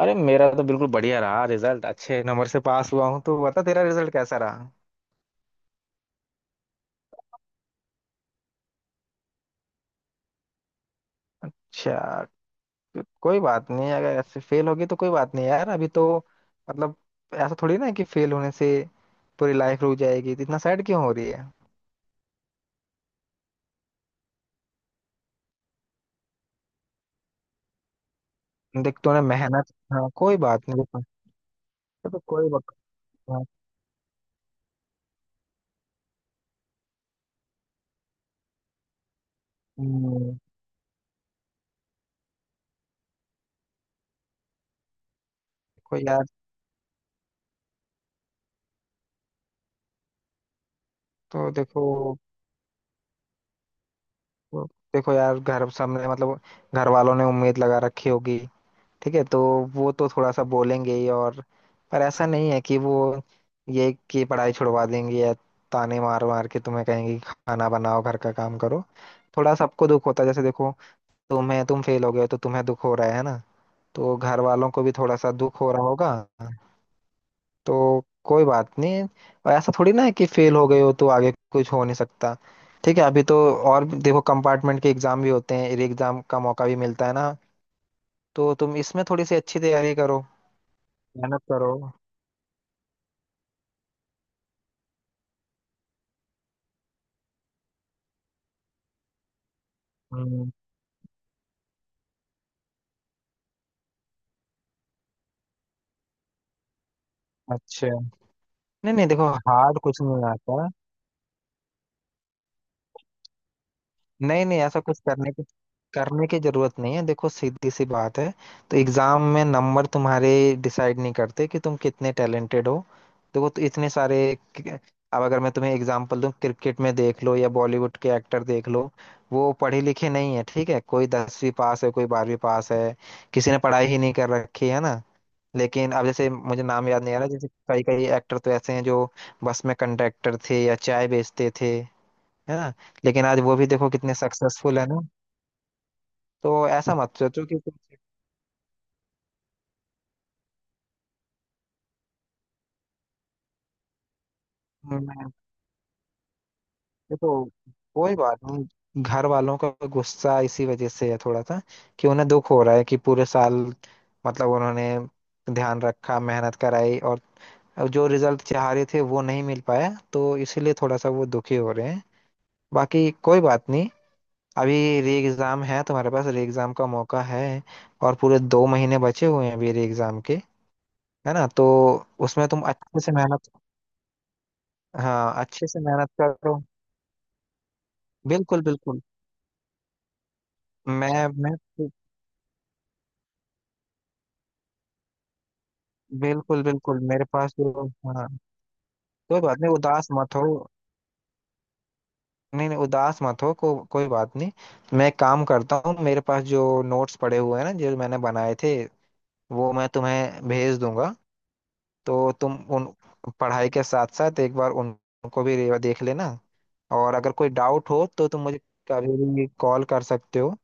अरे, मेरा तो बिल्कुल बढ़िया रहा रिजल्ट। अच्छे नंबर से पास हुआ हूँ। तो बता, तेरा रिजल्ट कैसा रहा? अच्छा। कोई बात नहीं। अगर ऐसे फेल होगी तो कोई बात नहीं यार, अभी तो मतलब ऐसा थोड़ी ना है कि फेल होने से पूरी लाइफ रुक जाएगी। तो इतना सैड क्यों हो रही है? देख, तूने मेहनत, हाँ, कोई बात नहीं। देखो। देखो, कोई बात। हाँ। हम्म। देखो यार। तो देखो, देखो यार, घर सामने मतलब घर वालों ने उम्मीद लगा रखी होगी, ठीक है? तो वो तो थोड़ा सा बोलेंगे ही और। पर ऐसा नहीं है कि वो ये कि पढ़ाई छुड़वा देंगे या ताने मार मार के तुम्हें कहेंगे कि खाना बनाओ, घर का काम करो। थोड़ा सबको दुख होता है। जैसे देखो, तुम्हें, तुम फेल हो गए हो, तो तुम्हें दुख हो रहा है ना, तो घर वालों को भी थोड़ा सा दुख हो रहा होगा। तो कोई बात नहीं। और ऐसा थोड़ी ना है कि फेल हो गए हो तो आगे कुछ हो नहीं सकता। ठीक है, अभी तो देखो, कंपार्टमेंट के एग्जाम भी होते हैं, एग्जाम का मौका भी मिलता है ना। तो तुम इसमें थोड़ी सी अच्छी तैयारी करो, मेहनत करो। हम्म। अच्छा। नहीं नहीं, देखो, हार्ड कुछ नहीं आता। नहीं नहीं, ऐसा कुछ करने की जरूरत नहीं है। देखो, सीधी सी बात है। तो एग्जाम में नंबर तुम्हारे डिसाइड नहीं करते कि तुम कितने टैलेंटेड हो। देखो तो, इतने सारे, अब अगर मैं तुम्हें एग्जांपल दूं, क्रिकेट में देख लो या बॉलीवुड के एक्टर देख लो। वो पढ़े लिखे नहीं है, ठीक है? कोई 10वीं पास है, कोई 12वीं पास है, किसी ने पढ़ाई ही नहीं कर रखी है ना। लेकिन अब जैसे, मुझे नाम याद नहीं आ रहा, जैसे कई कई एक्टर तो ऐसे हैं जो बस में कंडक्टर थे या चाय बेचते थे। है ना? लेकिन आज वो भी देखो कितने सक्सेसफुल है ना। तो ऐसा मत सोचो कि मैं। देखो, कोई बात नहीं, घर वालों का गुस्सा इसी वजह से है थोड़ा सा कि उन्हें दुख हो रहा है कि पूरे साल मतलब उन्होंने ध्यान रखा, मेहनत कराई, और अब जो रिजल्ट चाह रहे थे वो नहीं मिल पाया, तो इसीलिए थोड़ा सा वो दुखी हो रहे हैं। बाकी कोई बात नहीं। अभी री एग्ज़ाम है तुम्हारे पास, री एग्ज़ाम का मौका है। और पूरे 2 महीने बचे हुए हैं अभी री एग्ज़ाम के। है ना? तो उसमें तुम अच्छे से मेहनत, हाँ, अच्छे से मेहनत करो। बिल्कुल बिल्कुल। मैं। बिल्कुल बिल्कुल, मेरे पास जो, हाँ, कोई बात नहीं, उदास मत हो। नहीं नहीं, उदास मत हो, कोई बात नहीं। मैं एक काम करता हूँ, मेरे पास जो नोट्स पड़े हुए हैं ना, जो मैंने बनाए थे, वो मैं तुम्हें भेज दूंगा। तो तुम उन, पढ़ाई के साथ साथ एक बार उनको भी देख लेना। और अगर कोई डाउट हो तो तुम मुझे कभी भी कॉल कर सकते हो,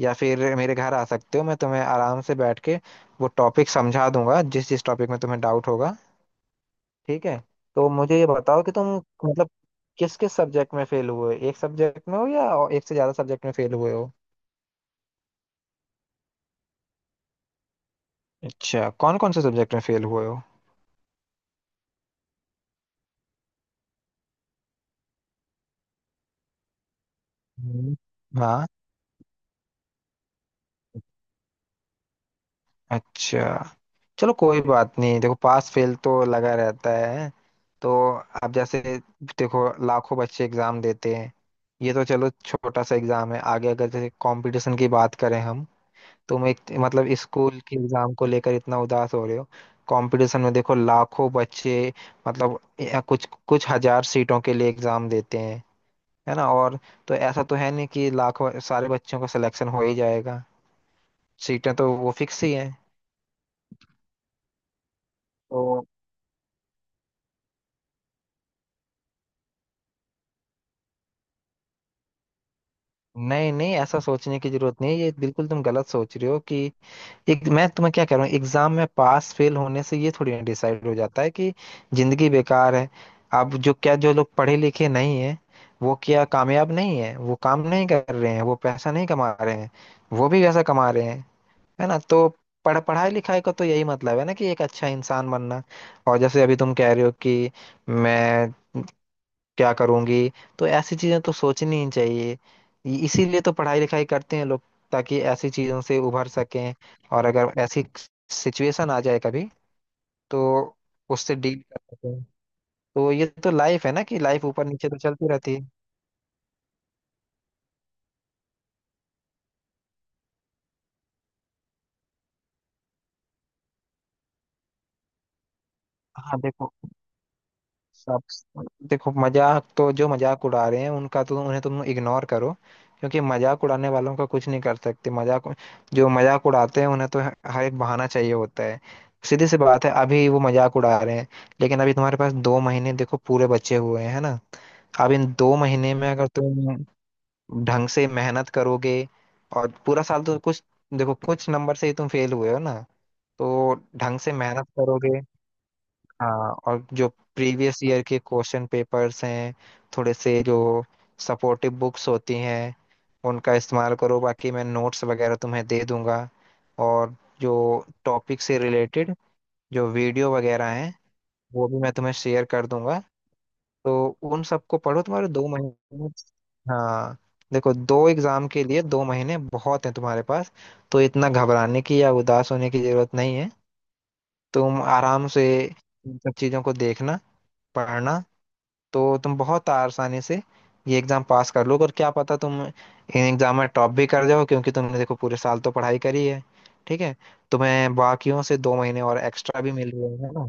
या फिर मेरे घर आ सकते हो। मैं तुम्हें आराम से बैठ के वो टॉपिक समझा दूंगा, जिस जिस टॉपिक में तुम्हें डाउट होगा। ठीक है? तो मुझे ये बताओ कि तुम मतलब किस किस सब्जेक्ट में फेल हुए, एक सब्जेक्ट में हो या और एक से ज्यादा सब्जेक्ट में फेल हुए हो? अच्छा, कौन कौन से सब्जेक्ट में फेल हुए हो? हम्म। हाँ। अच्छा, चलो कोई बात नहीं। देखो, पास फेल तो लगा रहता है। तो अब जैसे देखो, लाखों बच्चे एग्जाम देते हैं। ये तो चलो छोटा सा एग्जाम है। आगे अगर जैसे कंपटीशन की बात करें हम, तुम एक मतलब स्कूल के एग्जाम को लेकर इतना उदास हो रहे हो। कंपटीशन में देखो, लाखों बच्चे मतलब या कुछ कुछ हजार सीटों के लिए एग्जाम देते हैं। है ना? और तो ऐसा तो है नहीं कि लाखों सारे बच्चों का सिलेक्शन हो ही जाएगा, सीटें तो वो फिक्स ही हैं। तो नहीं नहीं, ऐसा सोचने की जरूरत नहीं है। ये बिल्कुल तुम गलत सोच रहे हो कि, एक मैं तुम्हें क्या कह रहा हूँ, एग्जाम में पास फेल होने से ये थोड़ी ना डिसाइड हो जाता है कि जिंदगी बेकार है। अब जो क्या, जो लोग पढ़े लिखे नहीं है, वो क्या कामयाब नहीं है? वो काम नहीं कर रहे हैं? वो पैसा नहीं कमा रहे हैं? वो भी वैसा कमा रहे हैं। है ना? तो पढ़ाई लिखाई का तो यही मतलब है ना कि एक अच्छा इंसान बनना। और जैसे अभी तुम कह रहे हो कि मैं क्या करूंगी, तो ऐसी चीजें तो सोचनी ही चाहिए। इसीलिए तो पढ़ाई लिखाई करते हैं लोग, ताकि ऐसी चीजों से उभर सकें और अगर ऐसी सिचुएशन आ जाए कभी, तो उससे डील कर सकें। तो ये तो लाइफ है ना, कि लाइफ ऊपर नीचे तो चलती रहती है। हाँ देखो, सब, देखो, मजाक तो, जो मजाक उड़ा रहे हैं उनका तो, उन्हें तुम इग्नोर करो। क्योंकि मजाक उड़ाने वालों का कुछ नहीं कर सकते। मजाक, जो मजाक उड़ाते हैं, उन्हें तो हर एक बहाना चाहिए होता है। सीधी सी बात है, अभी वो मजाक उड़ा रहे हैं, लेकिन अभी तुम्हारे पास 2 महीने देखो पूरे बचे हुए हैं। है ना? अब इन 2 महीने में अगर तुम ढंग से मेहनत करोगे, और पूरा साल तो कुछ, देखो, कुछ नंबर से ही तुम फेल हुए हो ना, तो ढंग से मेहनत करोगे। हाँ, और जो प्रीवियस ईयर के क्वेश्चन पेपर्स हैं, थोड़े से जो सपोर्टिव बुक्स होती हैं, उनका इस्तेमाल करो। बाकी मैं नोट्स वगैरह तुम्हें दे दूंगा। और जो टॉपिक से रिलेटेड जो वीडियो वगैरह हैं, वो भी मैं तुम्हें शेयर कर दूंगा। तो उन सबको पढ़ो। तुम्हारे दो महीने, हाँ, देखो, 2 एग्जाम के लिए 2 महीने बहुत हैं तुम्हारे पास। तो इतना घबराने की या उदास होने की जरूरत नहीं है। तुम आराम से इन सब चीजों को देखना, पढ़ना, तो तुम बहुत आसानी से ये एग्जाम पास कर लोगे। और क्या पता तुम इन एग्जाम में टॉप भी कर जाओ, क्योंकि तुमने देखो पूरे साल तो पढ़ाई करी है। ठीक है? तुम्हें बाकियों से 2 महीने और एक्स्ट्रा भी मिल रहे हैं ना।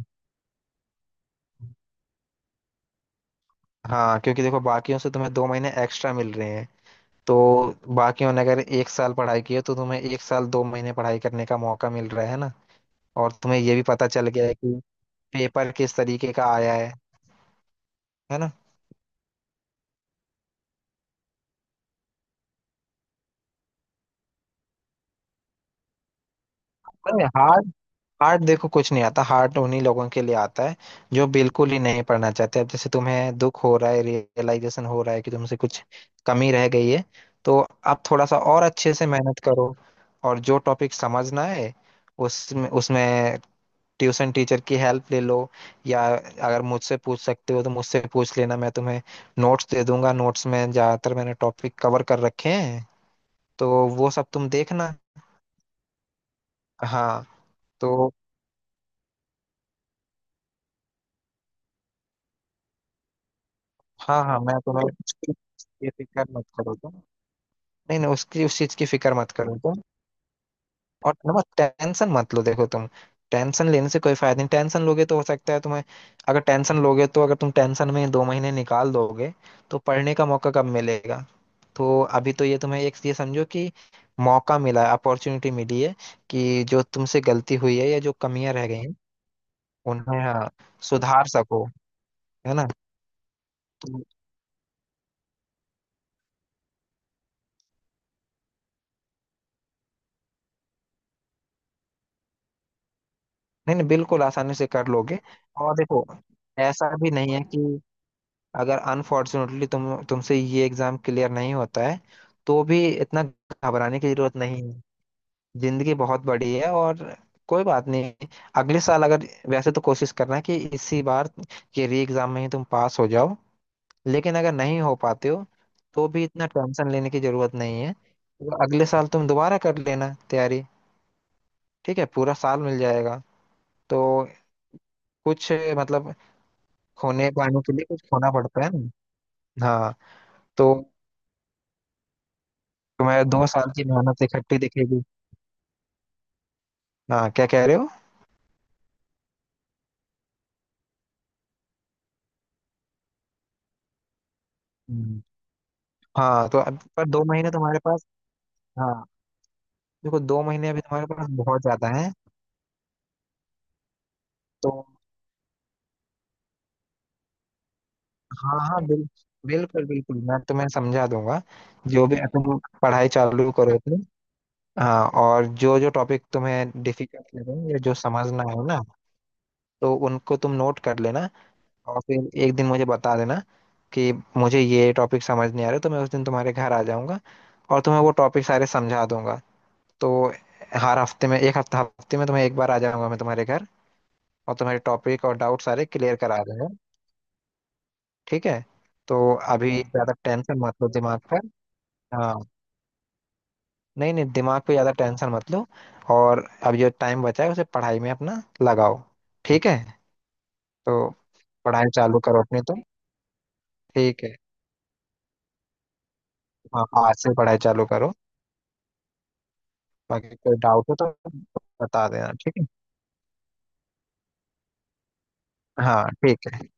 हाँ, क्योंकि देखो बाकियों से तुम्हें 2 महीने एक्स्ट्रा मिल रहे हैं। तो बाकियों ने अगर 1 साल पढ़ाई की है, तो तुम्हें 1 साल 2 महीने पढ़ाई करने का मौका मिल रहा है ना। और तुम्हें ये भी पता चल गया है कि पेपर किस तरीके का आया है। है ना? नहीं, hard, हार्ड देखो कुछ नहीं आता। हार्ड उन्हीं लोगों के लिए आता है जो बिल्कुल ही नहीं पढ़ना चाहते। अब जैसे तुम्हें दुख हो रहा है, रियलाइजेशन हो रहा है कि तुमसे कुछ कमी रह गई है, तो आप थोड़ा सा और अच्छे से मेहनत करो। और जो टॉपिक समझना है, उसमें उसमें ट्यूशन टीचर की हेल्प ले लो। या अगर मुझसे पूछ सकते हो तो मुझसे पूछ लेना, मैं तुम्हें नोट्स दे दूंगा। नोट्स में ज्यादातर मैंने टॉपिक कवर कर रखे हैं, तो वो सब तुम देखना। हाँ, तो, हाँ हाँ, मैं तुम्हें उसकी, ये फिक्र मत करो तुम। नहीं नहीं, उसकी, उस चीज की फिक्र मत करो तुम। और ना टेंशन मत लो देखो तुम। टेंशन लेने से कोई फायदा नहीं। टेंशन लोगे तो हो सकता है तुम्हें, अगर टेंशन लोगे तो, अगर तुम टेंशन में दो महीने निकाल दोगे, तो पढ़ने का मौका कब मिलेगा? तो अभी तो ये तुम्हें एक ये समझो कि मौका मिला है, अपॉर्चुनिटी मिली है कि जो तुमसे गलती हुई है या जो कमियां रह गई हैं उन्हें, हाँ, सुधार सको। है ना? तो नहीं नहीं, बिल्कुल आसानी से कर लोगे। और देखो, ऐसा भी नहीं है कि अगर अनफॉर्चुनेटली तुमसे ये एग्जाम क्लियर नहीं होता है, तो भी इतना घबराने की जरूरत नहीं है। जिंदगी बहुत बड़ी है, और कोई बात नहीं, अगले साल अगर, वैसे तो कोशिश करना कि इसी बार ये री एग्जाम में ही तुम पास हो जाओ, लेकिन अगर नहीं हो पाते हो तो भी इतना टेंशन लेने की जरूरत नहीं है। तो अगले साल तुम दोबारा कर लेना तैयारी। ठीक है? पूरा साल मिल जाएगा। तो कुछ मतलब खोने पाने के लिए कुछ खोना पड़ता है ना। हाँ, तो तुम्हारे 2 साल की मेहनत इकट्ठी दिखेगी। हाँ, क्या कह रहे हो? हम्म। हाँ, तो अब पर 2 महीने तुम्हारे पास, हाँ, देखो 2 महीने अभी तुम्हारे पास बहुत ज्यादा है। तो हाँ हाँ, बिल्कुल बिल्कुल, मैं तुम्हें समझा दूंगा जो भी। तुम पढ़ाई चालू करो तुम, हाँ, और जो जो टॉपिक तुम्हें डिफिकल्ट लगे या जो समझना है ना, तो उनको तुम नोट कर लेना, और फिर एक दिन मुझे बता देना कि मुझे ये टॉपिक समझ नहीं आ रहे। तो मैं उस दिन तुम्हारे घर आ जाऊंगा और तुम्हें वो टॉपिक सारे समझा दूंगा। तो हर हफ्ते में एक हफ्ता हफ्ते में तुम्हें एक बार आ जाऊंगा मैं तुम्हारे घर, और तुम्हारे टॉपिक और डाउट सारे क्लियर करा दूंगा। ठीक है? तो अभी ज़्यादा टेंशन मत लो दिमाग पर। हाँ, नहीं नहीं, दिमाग पे ज़्यादा टेंशन मत लो। और अब जो टाइम बचा है उसे पढ़ाई में अपना लगाओ। ठीक है? तो पढ़ाई चालू करो अपनी तुम। ठीक है? हाँ, आज से पढ़ाई चालू करो। बाकी कोई डाउट हो तो बता देना, ठीक है? हाँ ठीक है।